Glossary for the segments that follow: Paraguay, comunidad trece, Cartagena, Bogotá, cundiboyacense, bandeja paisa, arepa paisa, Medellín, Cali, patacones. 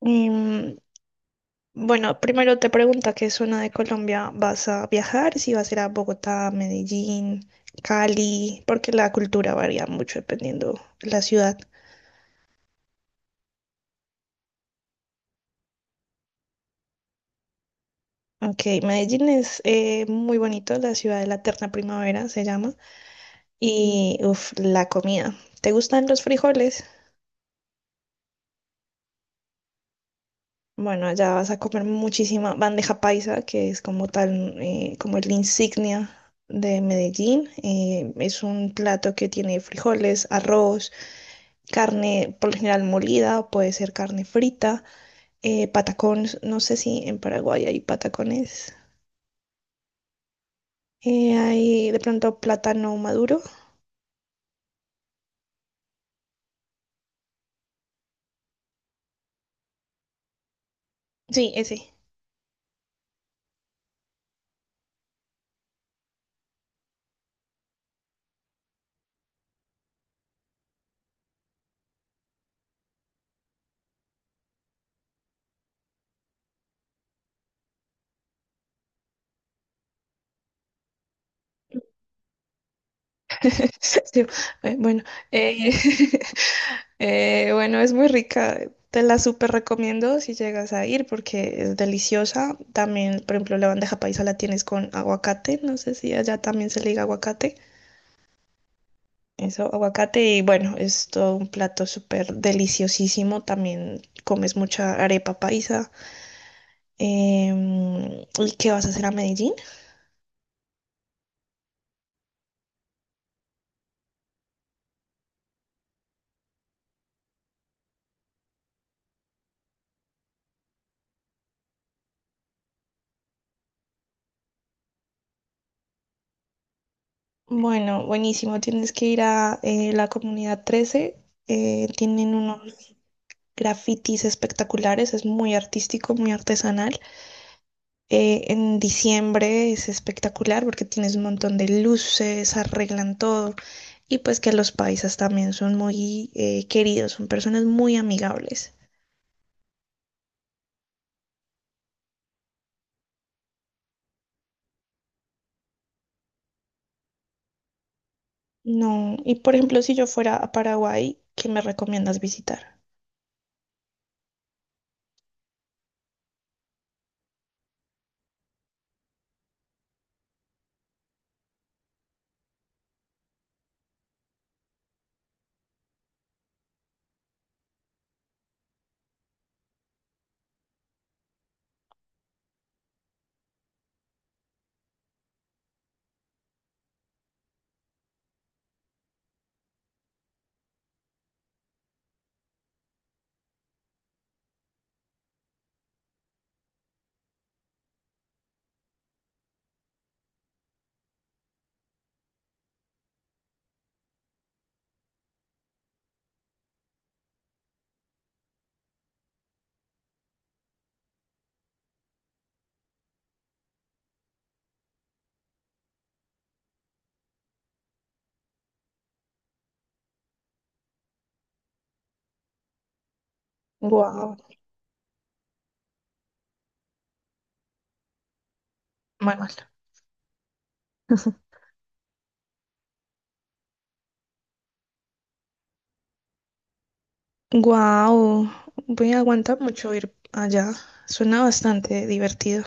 Y bueno, primero te pregunta qué zona de Colombia vas a viajar, si vas a ir a Bogotá, Medellín, Cali, porque la cultura varía mucho dependiendo la ciudad. Ok, Medellín es muy bonito, la ciudad de la eterna primavera se llama, y uff, la comida. ¿Te gustan los frijoles? Bueno, allá vas a comer muchísima bandeja paisa, que es como tal, como la insignia de Medellín. Es un plato que tiene frijoles, arroz, carne por lo general molida, o puede ser carne frita, patacones, no sé si en Paraguay hay patacones, hay de pronto plátano maduro. Sí, ese. Sí, bueno, eh, bueno, es muy rica. Te la súper recomiendo si llegas a ir porque es deliciosa. También, por ejemplo, la bandeja paisa la tienes con aguacate. No sé si allá también se le diga aguacate. Eso, aguacate y bueno, es todo un plato súper deliciosísimo. También comes mucha arepa paisa. ¿Y qué vas a hacer a Medellín? Bueno, buenísimo. Tienes que ir a la comunidad 13. Tienen unos grafitis espectaculares. Es muy artístico, muy artesanal. En diciembre es espectacular porque tienes un montón de luces, arreglan todo. Y pues que los paisas también son muy queridos, son personas muy amigables. No, y por ejemplo, si yo fuera a Paraguay, ¿qué me recomiendas visitar? Wow. Manuel. Guau, voy a aguantar mucho ir allá. Suena bastante divertido.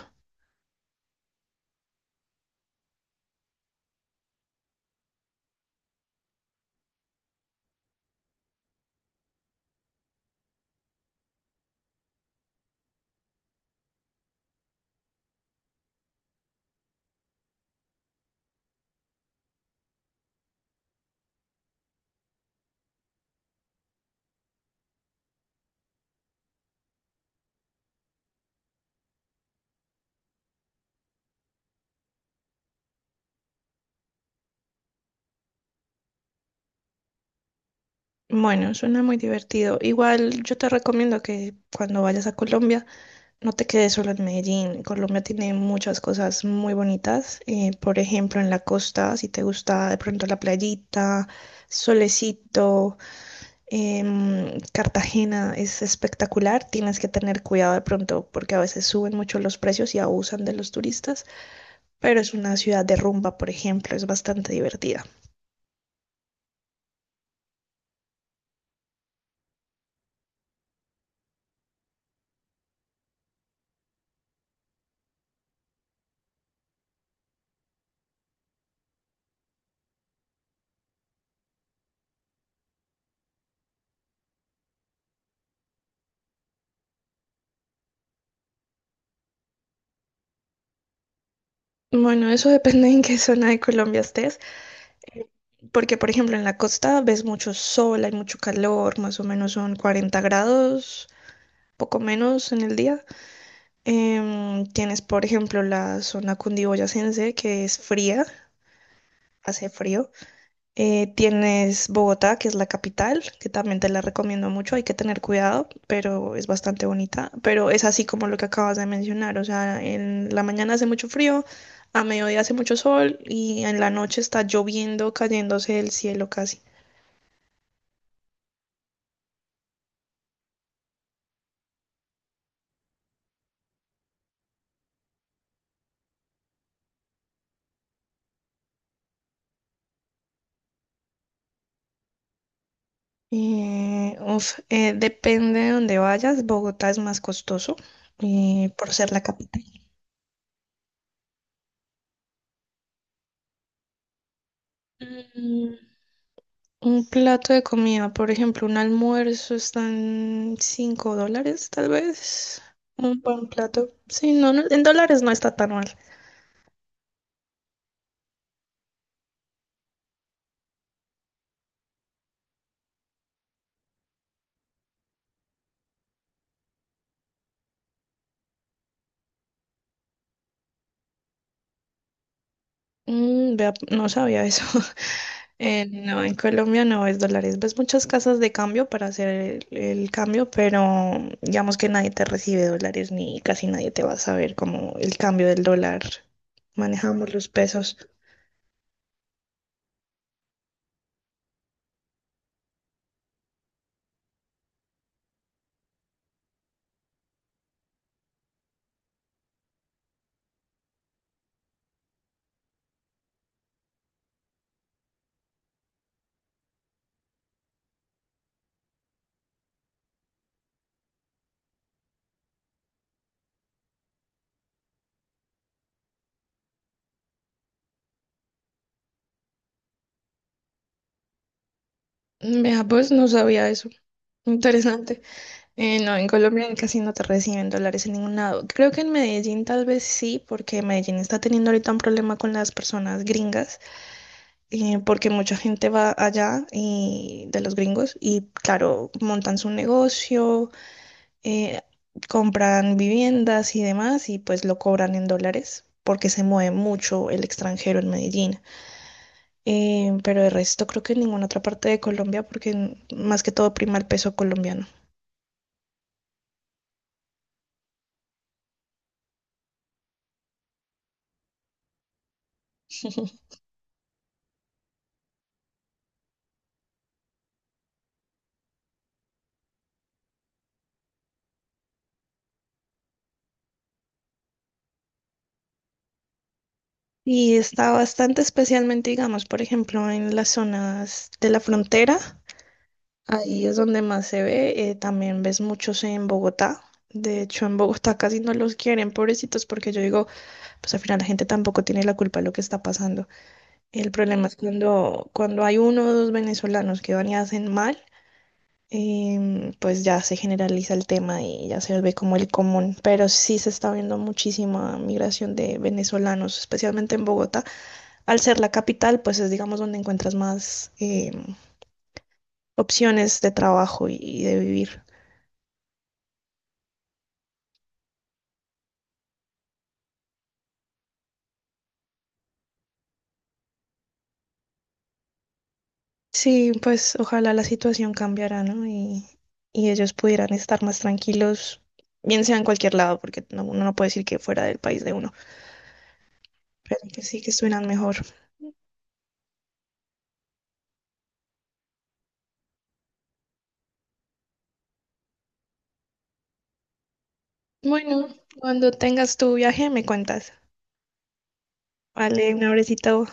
Bueno, suena muy divertido. Igual yo te recomiendo que cuando vayas a Colombia no te quedes solo en Medellín. Colombia tiene muchas cosas muy bonitas. Por ejemplo, en la costa, si te gusta de pronto la playita, solecito. Cartagena es espectacular, tienes que tener cuidado de pronto porque a veces suben mucho los precios y abusan de los turistas, pero es una ciudad de rumba, por ejemplo, es bastante divertida. Bueno, eso depende en qué zona de Colombia estés, porque por ejemplo en la costa ves mucho sol, hay mucho calor, más o menos son 40 grados, poco menos en el día. Tienes por ejemplo la zona cundiboyacense que es fría, hace frío. Tienes Bogotá, que es la capital, que también te la recomiendo mucho, hay que tener cuidado, pero es bastante bonita. Pero es así como lo que acabas de mencionar, o sea, en la mañana hace mucho frío, a mediodía hace mucho sol y en la noche está lloviendo, cayéndose del cielo casi. Uf, depende de dónde vayas, Bogotá es más costoso por ser la capital. Mm, Un plato de comida, por ejemplo, un almuerzo están $5, tal vez. Un buen plato. Sí, no, no, en dólares no está tan mal. Vea, no sabía eso. No, en Colombia no es dólares. Ves muchas casas de cambio para hacer el cambio, pero digamos que nadie te recibe dólares ni casi nadie te va a saber como el cambio del dólar. Manejamos los pesos. Vea, pues no sabía eso. Interesante. No, en Colombia casi no te reciben dólares en ningún lado. Creo que en Medellín tal vez sí, porque Medellín está teniendo ahorita un problema con las personas gringas, porque mucha gente va allá y, de los gringos y claro, montan su negocio, eh, compran viviendas y demás y pues lo cobran en dólares porque se mueve mucho el extranjero en Medellín. Pero el resto creo que en ninguna otra parte de Colombia porque más que todo prima el peso colombiano. Y está bastante especialmente, digamos, por ejemplo, en las zonas de la frontera. Ahí es donde más se ve. También ves muchos en Bogotá. De hecho, en Bogotá casi no los quieren, pobrecitos, porque yo digo, pues al final la gente tampoco tiene la culpa de lo que está pasando. El problema es cuando hay uno o dos venezolanos que van y hacen mal, pues ya se generaliza el tema y ya se ve como el común. Pero sí se está viendo muchísima migración de venezolanos, especialmente en Bogotá al ser la capital, pues es, digamos, donde encuentras más opciones de trabajo y, de vivir. Sí, pues ojalá la situación cambiara, ¿no? Y, ellos pudieran estar más tranquilos, bien sea en cualquier lado, porque no, uno no puede decir que fuera del país de uno, pero que sí, que estuvieran mejor. Bueno, cuando tengas tu viaje me cuentas. Vale, un abrecito.